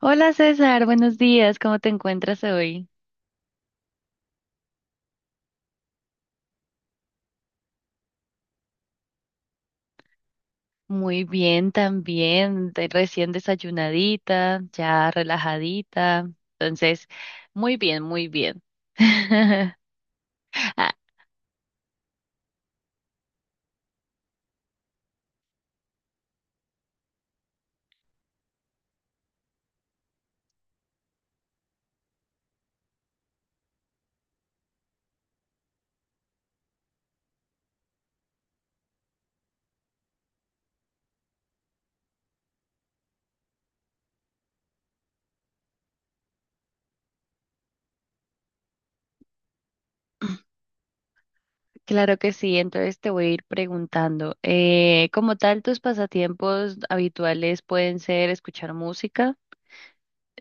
Hola César, buenos días, ¿cómo te encuentras hoy? Muy bien también, recién desayunadita, ya relajadita, entonces, muy bien, muy bien. Ah, claro que sí, entonces te voy a ir preguntando, como tal, tus pasatiempos habituales pueden ser escuchar música,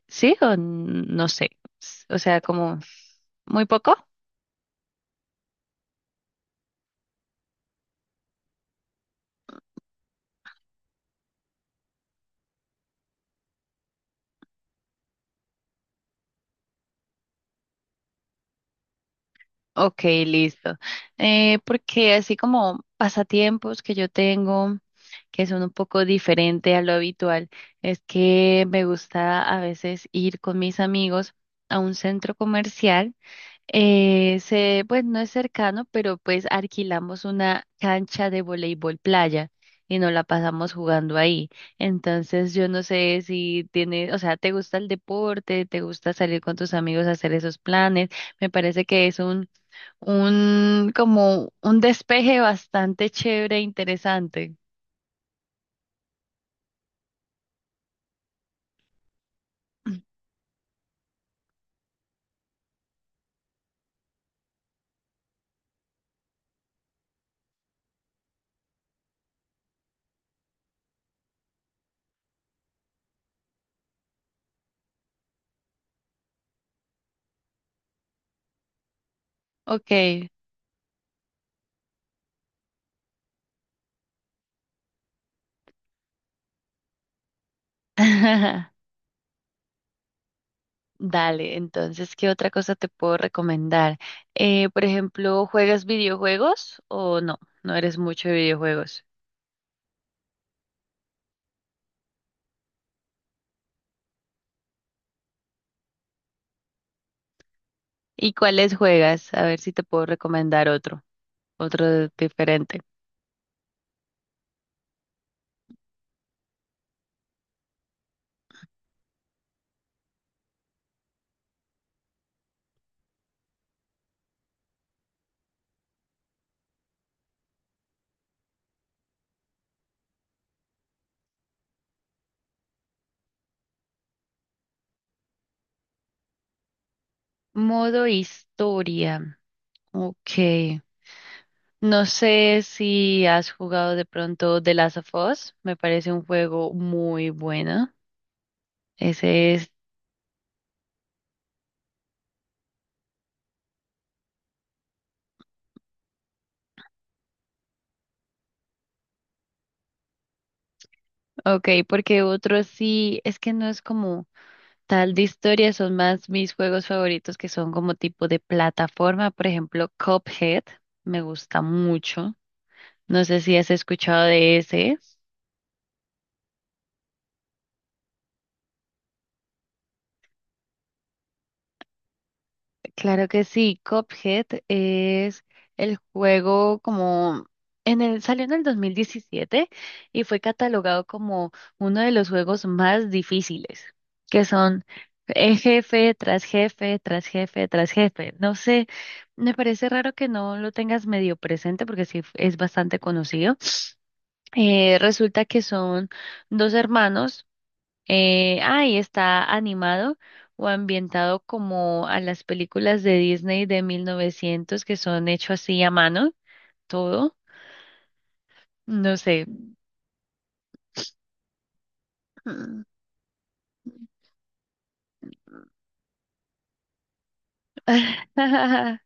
¿sí? O no sé, o sea, como muy poco. Ok, listo. Porque así como pasatiempos que yo tengo, que son un poco diferente a lo habitual, es que me gusta a veces ir con mis amigos a un centro comercial. Pues no es cercano, pero pues alquilamos una cancha de voleibol playa y nos la pasamos jugando ahí. Entonces yo no sé si tienes, o sea, ¿te gusta el deporte? ¿Te gusta salir con tus amigos a hacer esos planes? Me parece que es un como un despeje bastante chévere e interesante. Ok. Dale, entonces, ¿qué otra cosa te puedo recomendar? Por ejemplo, ¿juegas videojuegos o no? No eres mucho de videojuegos. ¿Y cuáles juegas? A ver si te puedo recomendar otro, otro diferente. Modo historia. Ok. No sé si has jugado de pronto The Last of Us. Me parece un juego muy bueno. Ese es, ok, porque otros sí, es que no es como tal de historia, son más mis juegos favoritos que son como tipo de plataforma, por ejemplo, Cuphead, me gusta mucho. No sé si has escuchado de ese. Claro que sí, Cuphead es el juego como en el, salió en el 2017 y fue catalogado como uno de los juegos más difíciles, que son jefe tras jefe, tras jefe, tras jefe. No sé, me parece raro que no lo tengas medio presente porque sí es bastante conocido. Resulta que son dos hermanos. Ahí está animado o ambientado como a las películas de Disney de 1900 que son hechos así a mano, todo, no sé. Mm.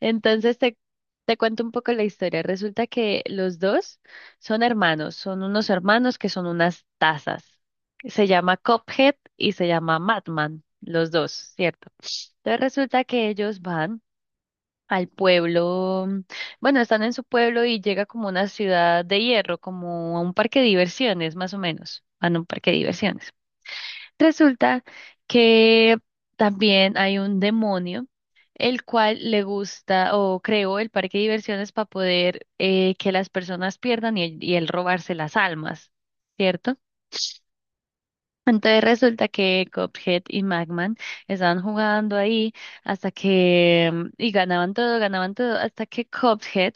Entonces te, te cuento un poco la historia. Resulta que los dos son hermanos, son unos hermanos que son unas tazas. Se llama Cuphead y se llama Madman, los dos, ¿cierto? Entonces resulta que ellos van al pueblo, bueno, están en su pueblo y llega como una ciudad de hierro, como a un parque de diversiones, más o menos, van a un parque de diversiones. Resulta que también hay un demonio, el cual le gusta o creó el parque de diversiones para poder que las personas pierdan y él robarse las almas, ¿cierto? Entonces resulta que Cuphead y Magman estaban jugando ahí hasta que, y ganaban todo, hasta que Cuphead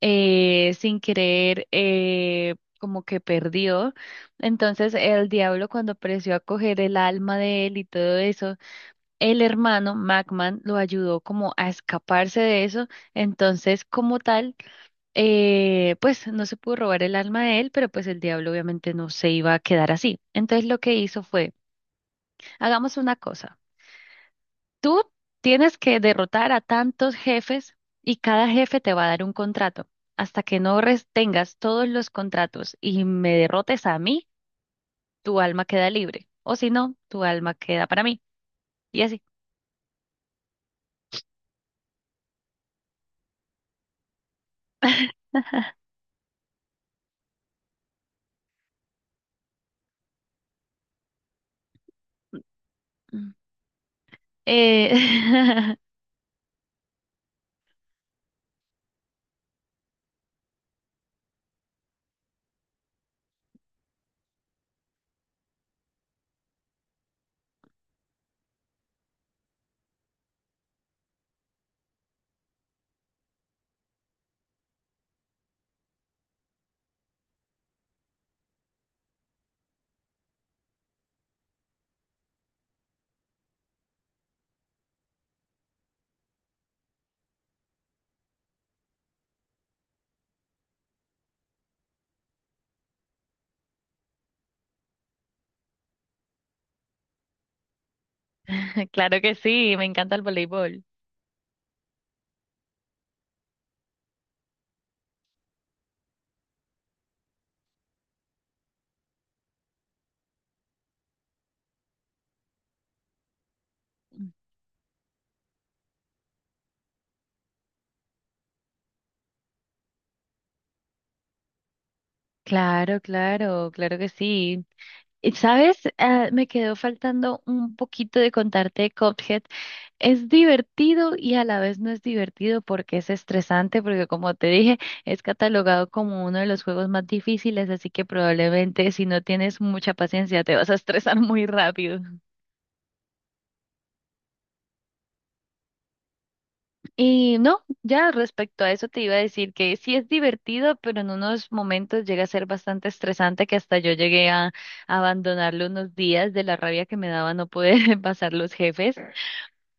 sin querer como que perdió. Entonces el diablo cuando apreció a coger el alma de él y todo eso, el hermano Macman lo ayudó como a escaparse de eso. Entonces como tal, pues no se pudo robar el alma de él, pero pues el diablo obviamente no se iba a quedar así. Entonces lo que hizo fue, hagamos una cosa. Tú tienes que derrotar a tantos jefes y cada jefe te va a dar un contrato. Hasta que no tengas todos los contratos y me derrotes a mí, tu alma queda libre. O si no, tu alma queda para mí. Y así. Mm. Eh, claro que sí, me encanta el voleibol. Claro, claro, claro que sí. Y, ¿sabes? Ah, me quedó faltando un poquito de contarte de Cuphead. Es divertido y a la vez no es divertido porque es estresante, porque como te dije, es catalogado como uno de los juegos más difíciles, así que probablemente si no tienes mucha paciencia te vas a estresar muy rápido. Y no, ya respecto a eso te iba a decir que sí es divertido, pero en unos momentos llega a ser bastante estresante que hasta yo llegué a abandonarlo unos días de la rabia que me daba no poder pasar los jefes.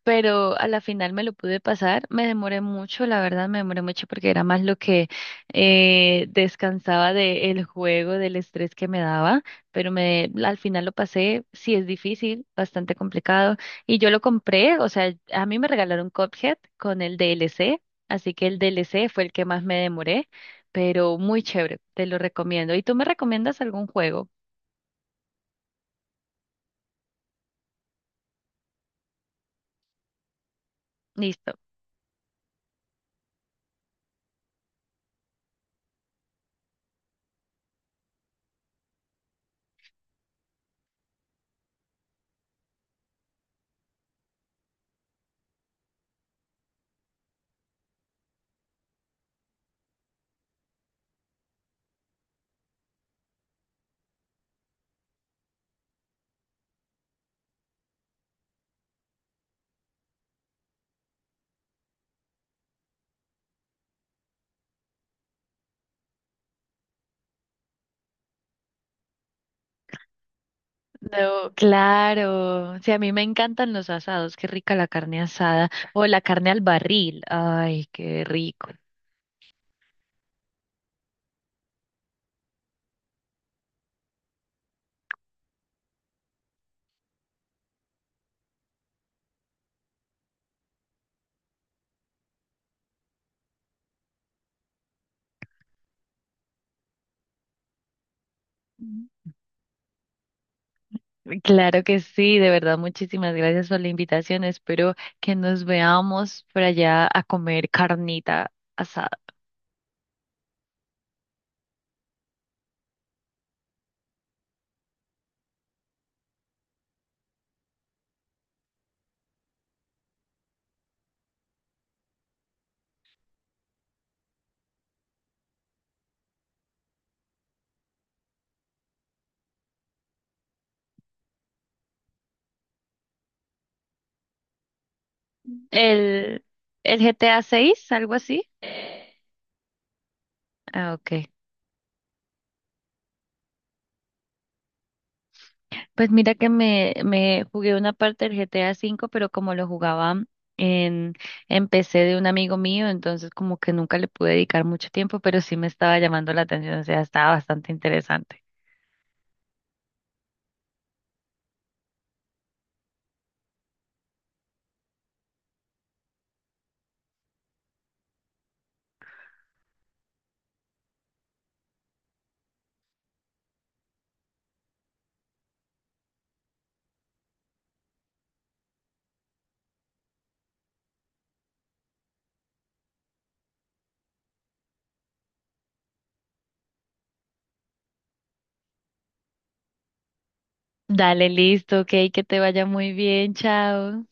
Pero a la final me lo pude pasar. Me demoré mucho, la verdad, me demoré mucho porque era más lo que descansaba del juego, del estrés que me daba, al final lo pasé. Sí, es difícil, bastante complicado. Y yo lo compré, o sea, a mí me regalaron Cuphead con el DLC, así que el DLC fue el que más me demoré, pero muy chévere, te lo recomiendo. ¿Y tú me recomiendas algún juego? Listo. No, claro. Sí, a mí me encantan los asados. Qué rica la carne asada. O la carne al barril. Ay, qué rico. Mm. Claro que sí, de verdad, muchísimas gracias por la invitación. Espero que nos veamos por allá a comer carnita asada. El, el GTA 6, algo así. Ah, ok. Pues mira que me jugué una parte del GTA V, pero como lo jugaba en, en PC de un amigo mío, entonces como que nunca le pude dedicar mucho tiempo, pero sí me estaba llamando la atención, o sea, estaba bastante interesante. Dale, listo, ok, que te vaya muy bien, chao.